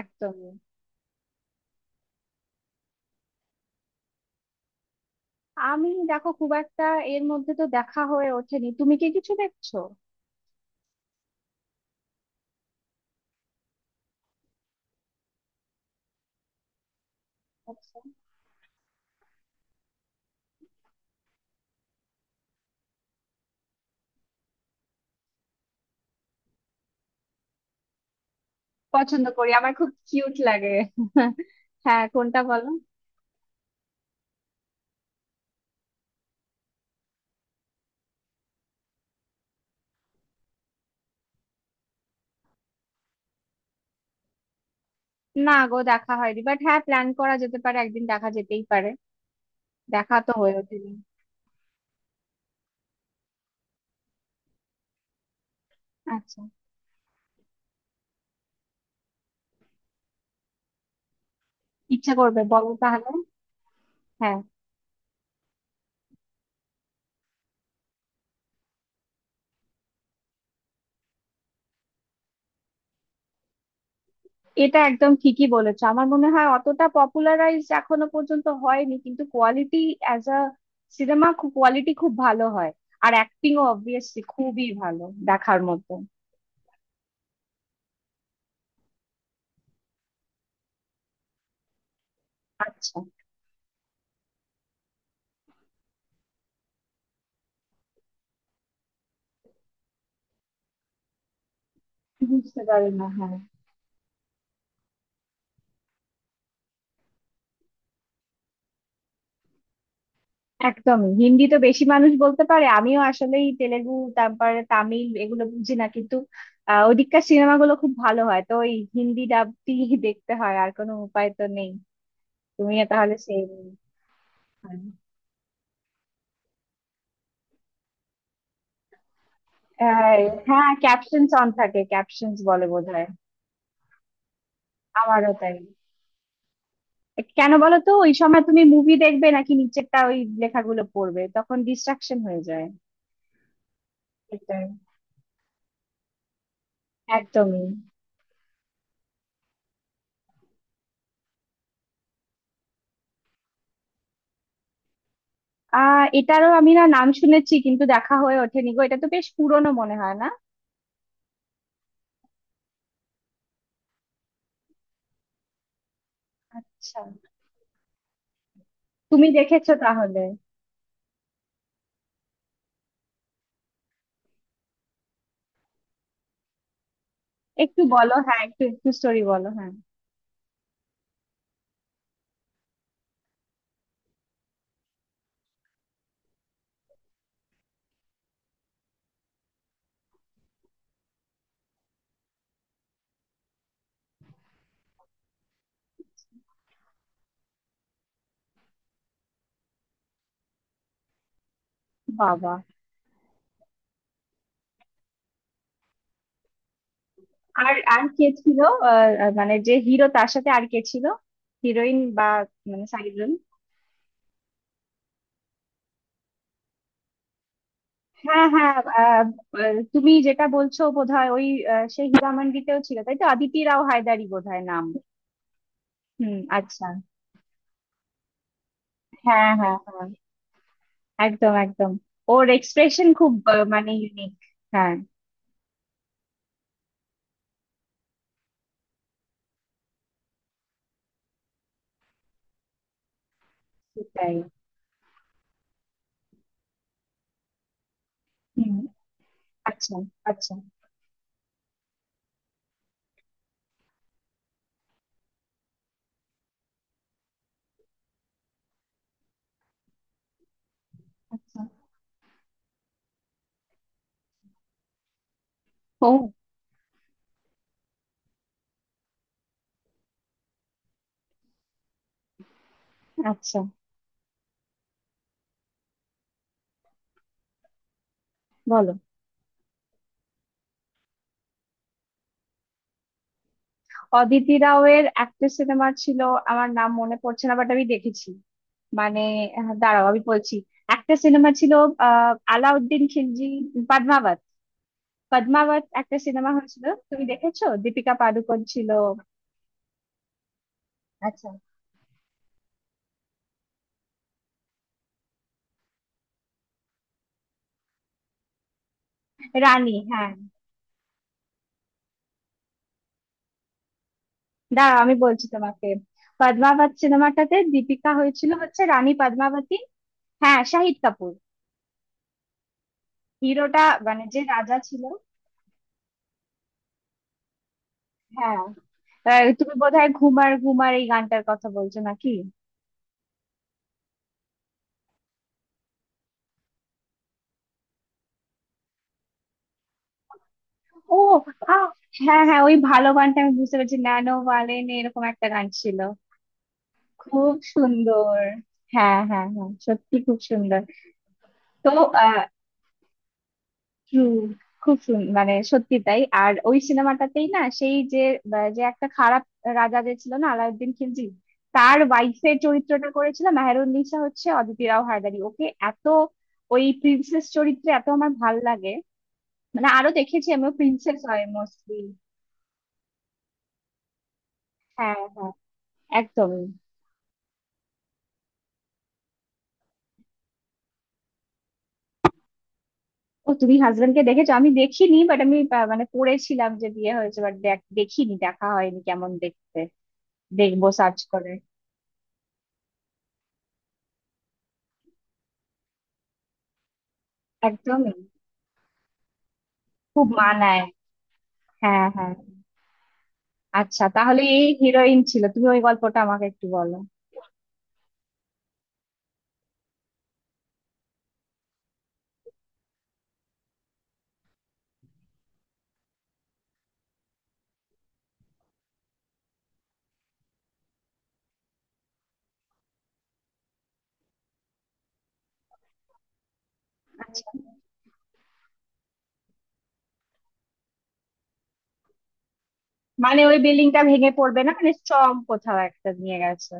একদমই। আমি দেখো খুব একটা এর মধ্যে তো দেখা হয়ে ওঠেনি, তুমি কি কিছু দেখছো? পছন্দ করি, আমার খুব কিউট লাগে। হ্যাঁ, কোনটা বলো। না গো, দেখা হয়নি, বাট হ্যাঁ প্ল্যান করা যেতে পারে, একদিন দেখা যেতেই পারে। দেখা তো হয়ে ওঠেনি। আচ্ছা, ইচ্ছা করবে বলো তাহলে। হ্যাঁ। এটা একদম ঠিকই বলেছো, আমার মনে হয় অতটা পপুলারাইজ এখনো পর্যন্ত হয়নি, কিন্তু quality as a cinema quality খুব ভালো হয়। আর অ্যাক্টিংও অবভিয়াসলি খুবই ভালো, দেখার মতো। আচ্ছা। বুঝতে পারি না, হ্যাঁ। একদমই, হিন্দি তো বেশি মানুষ বলতে পারে। আমিও আসলেই তেলেগু তারপরে তামিল এগুলো বুঝি না, কিন্তু ওদিককার সিনেমাগুলো খুব ভালো হয়, তো ওই হিন্দি ডাব দিয়ে দেখতে হয়, আর কোনো উপায় তো নেই। তুমিও তাহলে সেই আহ, হ্যাঁ, ক্যাপশনস অন থাকে, ক্যাপশনস বলে বোধহয়। আমারও তাই। কেন বলো তো, ওই সময় তুমি মুভি দেখবে নাকি নিচেরটা ওই লেখাগুলো পড়বে? তখন ডিস্ট্রাকশন হয়ে যায়। সেটাই, একদমই। এটারও আমি না নাম শুনেছি, কিন্তু দেখা হয়ে ওঠেনি গো। এটা তো বেশ পুরনো, মনে হয় না? আচ্ছা, তুমি দেখেছো তাহলে? একটু বলো, হ্যাঁ একটু একটু স্টোরি বলো, হ্যাঁ। বাবা। আর আর কে ছিল? আহ, আহ, মানে যে হিরো, তার সাথে আর কে ছিল? হিরোইন বা মানে সাইডজন। হ্যাঁ হ্যাঁ। আহ, আহ, তুমি যেটা বলছো বোধহয় ওই সেই হীরামান্ডিতেও ছিল তাই তো? অদিতি রাও হায়দারি বোধহয় নাম। হুম, আচ্ছা। হ্যাঁ হ্যাঁ হ্যাঁ, একদম একদম। ওর এক্সপ্রেশন খুব মানে ইউনিক। হ্যাঁ। সেটাই। হুম আচ্ছা। আচ্ছা। আচ্ছা। ও। আচ্ছা, বলো। অদিতি রাও এর একটা সিনেমা ছিল, আমার নাম মনে পড়ছে না, বাট আমি দেখেছি। মানে দাঁড়াও আমি বলছি। একটা সিনেমা ছিল, আলাউদ্দিন খিলজি, পদ্মাবত। পদ্মাবত একটা সিনেমা হয়েছিল, তুমি দেখেছো? দীপিকা পাডুকোন ছিল। আচ্ছা। রানী, হ্যাঁ। দাঁড়াও আমি বলছি তোমাকে, পদ্মাবত সিনেমাটাতে দীপিকা হয়েছিল হচ্ছে রানী পদ্মাবতী। হ্যাঁ, শাহিদ কাপুর হিরোটা, মানে যে রাজা ছিল। হ্যাঁ। তুমি বোধহয় ঘুমার ঘুমার এই গানটার কথা বলছো নাকি? ও। আহ, হ্যাঁ হ্যাঁ, ওই ভালো গানটা আমি বুঝতে পেরেছি, ন্যানো ভালেন এরকম একটা গান ছিল। খুব সুন্দর। হ্যাঁ হ্যাঁ হ্যাঁ, সত্যি খুব সুন্দর। তো আহ true, খুব সুন্দর, মানে সত্যি তাই। আর ওই সিনেমাটাতেই না সেই যে যে একটা খারাপ রাজা যে ছিল না, আলাউদ্দিন খিলজি, তার ওয়াইফের চরিত্রটা করেছিল মেহেরুননিসা হচ্ছে অদিতি রাও হায়দারি, ওকে এত ওই প্রিন্সেস চরিত্রে এত আমার ভাল লাগে। মানে আরো দেখেছি আমি, প্রিন্সেস হয় মোস্টলি। হ্যাঁ হ্যাঁ, একদমই। ও, তুমি হাজবেন্ডকে দেখেছো? আমি দেখিনি, বাট আমি মানে পড়েছিলাম যে বিয়ে হয়েছে, বাট দেখিনি, দেখা হয়নি। কেমন দেখতে? দেখবো সার্চ করে। একদমই, খুব মানায়। হ্যাঁ হ্যাঁ। আচ্ছা তাহলে এই হিরোইন ছিল, তুমি ওই গল্পটা আমাকে একটু বলো। আচ্ছা, মানে ওই বিল্ডিংটা ভেঙে পড়বে না, মানে স্ট্রং কোথাও একটা নিয়ে গেছে?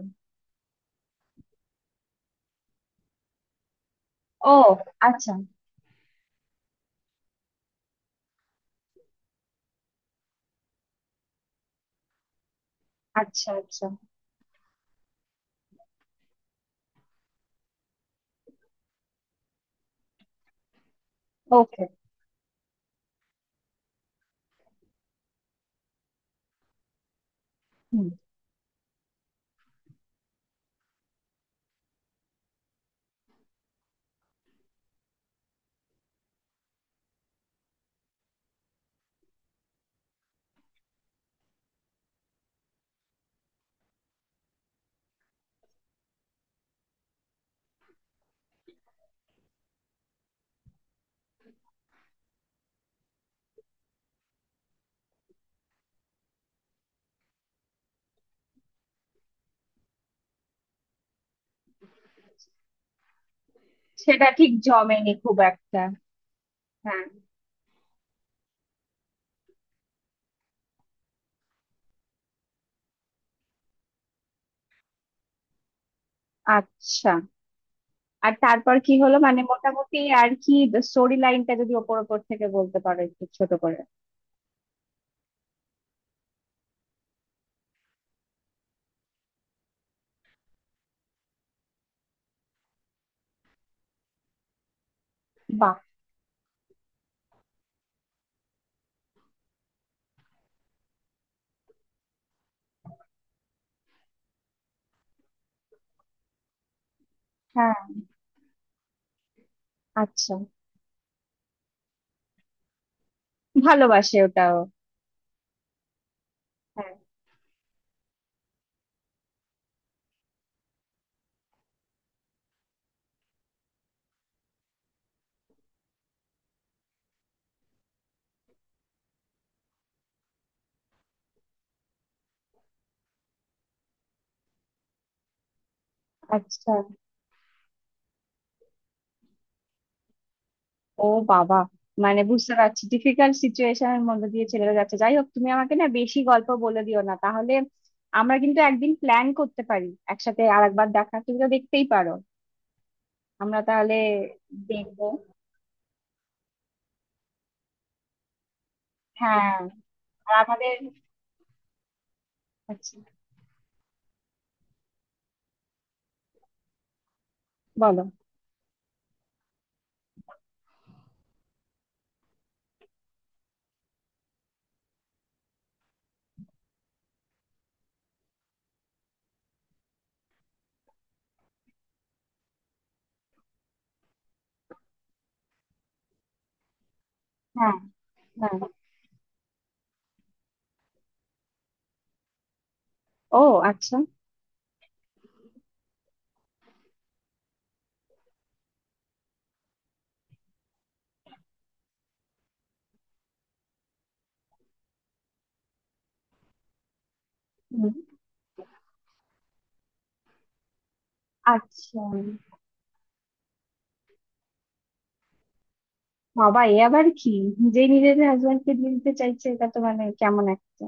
ও আচ্ছা আচ্ছা। আচ্ছা। ওকে। হুম। সেটা ঠিক জমেনি খুব একটা। হ্যাঁ। আচ্ছা, আর তারপর কি হলো মানে মোটামুটি আর কি, স্টোরি লাইনটা যদি ওপর ওপর থেকে বলতে পারো একটু ছোট করে। বাহ। হ্যাঁ, আচ্ছা। ভালোবাসে ওটাও। হ্যাঁ। আচ্ছা। ও বাবা, মানে বুঝতে পারছি ডিফিকাল্ট সিচুয়েশনের মধ্যে দিয়ে ছেলেরা যাচ্ছে। যাই হোক, তুমি আমাকে না বেশি গল্প বলে দিও না তাহলে, আমরা কিন্তু একদিন প্ল্যান করতে পারি একসাথে আরেকবার দেখা। তুমি তো দেখতেই পারো, আমরা তাহলে দেখবো। হ্যাঁ। আর আমাদের আচ্ছা বলো। হ্যাঁ হ্যাঁ। ও আচ্ছা। হুম। আচ্ছা। বাবা, এ আবার কি? নিজেই নিজের হাজবেন্ডকে দিয়ে দিতে চাইছে, এটা তো মানে কেমন একটা।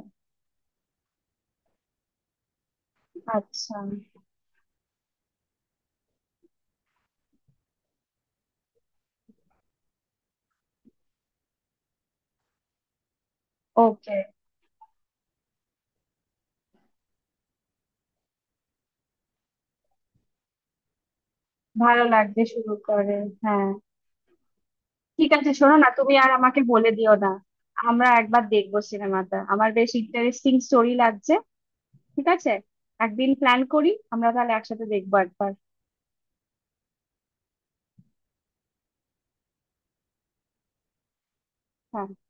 আচ্ছা। ওকে। ভালো লাগবে শুরু করে। হ্যাঁ। ঠিক আছে, শোনো না তুমি আর আমাকে বলে দিও না, আমরা একবার দেখবো সিনেমাটা, আমার বেশ ইন্টারেস্টিং স্টোরি লাগছে। ঠিক আছে, একদিন প্ল্যান করি, আমরা তাহলে একসাথে দেখবো একবার। হ্যাঁ।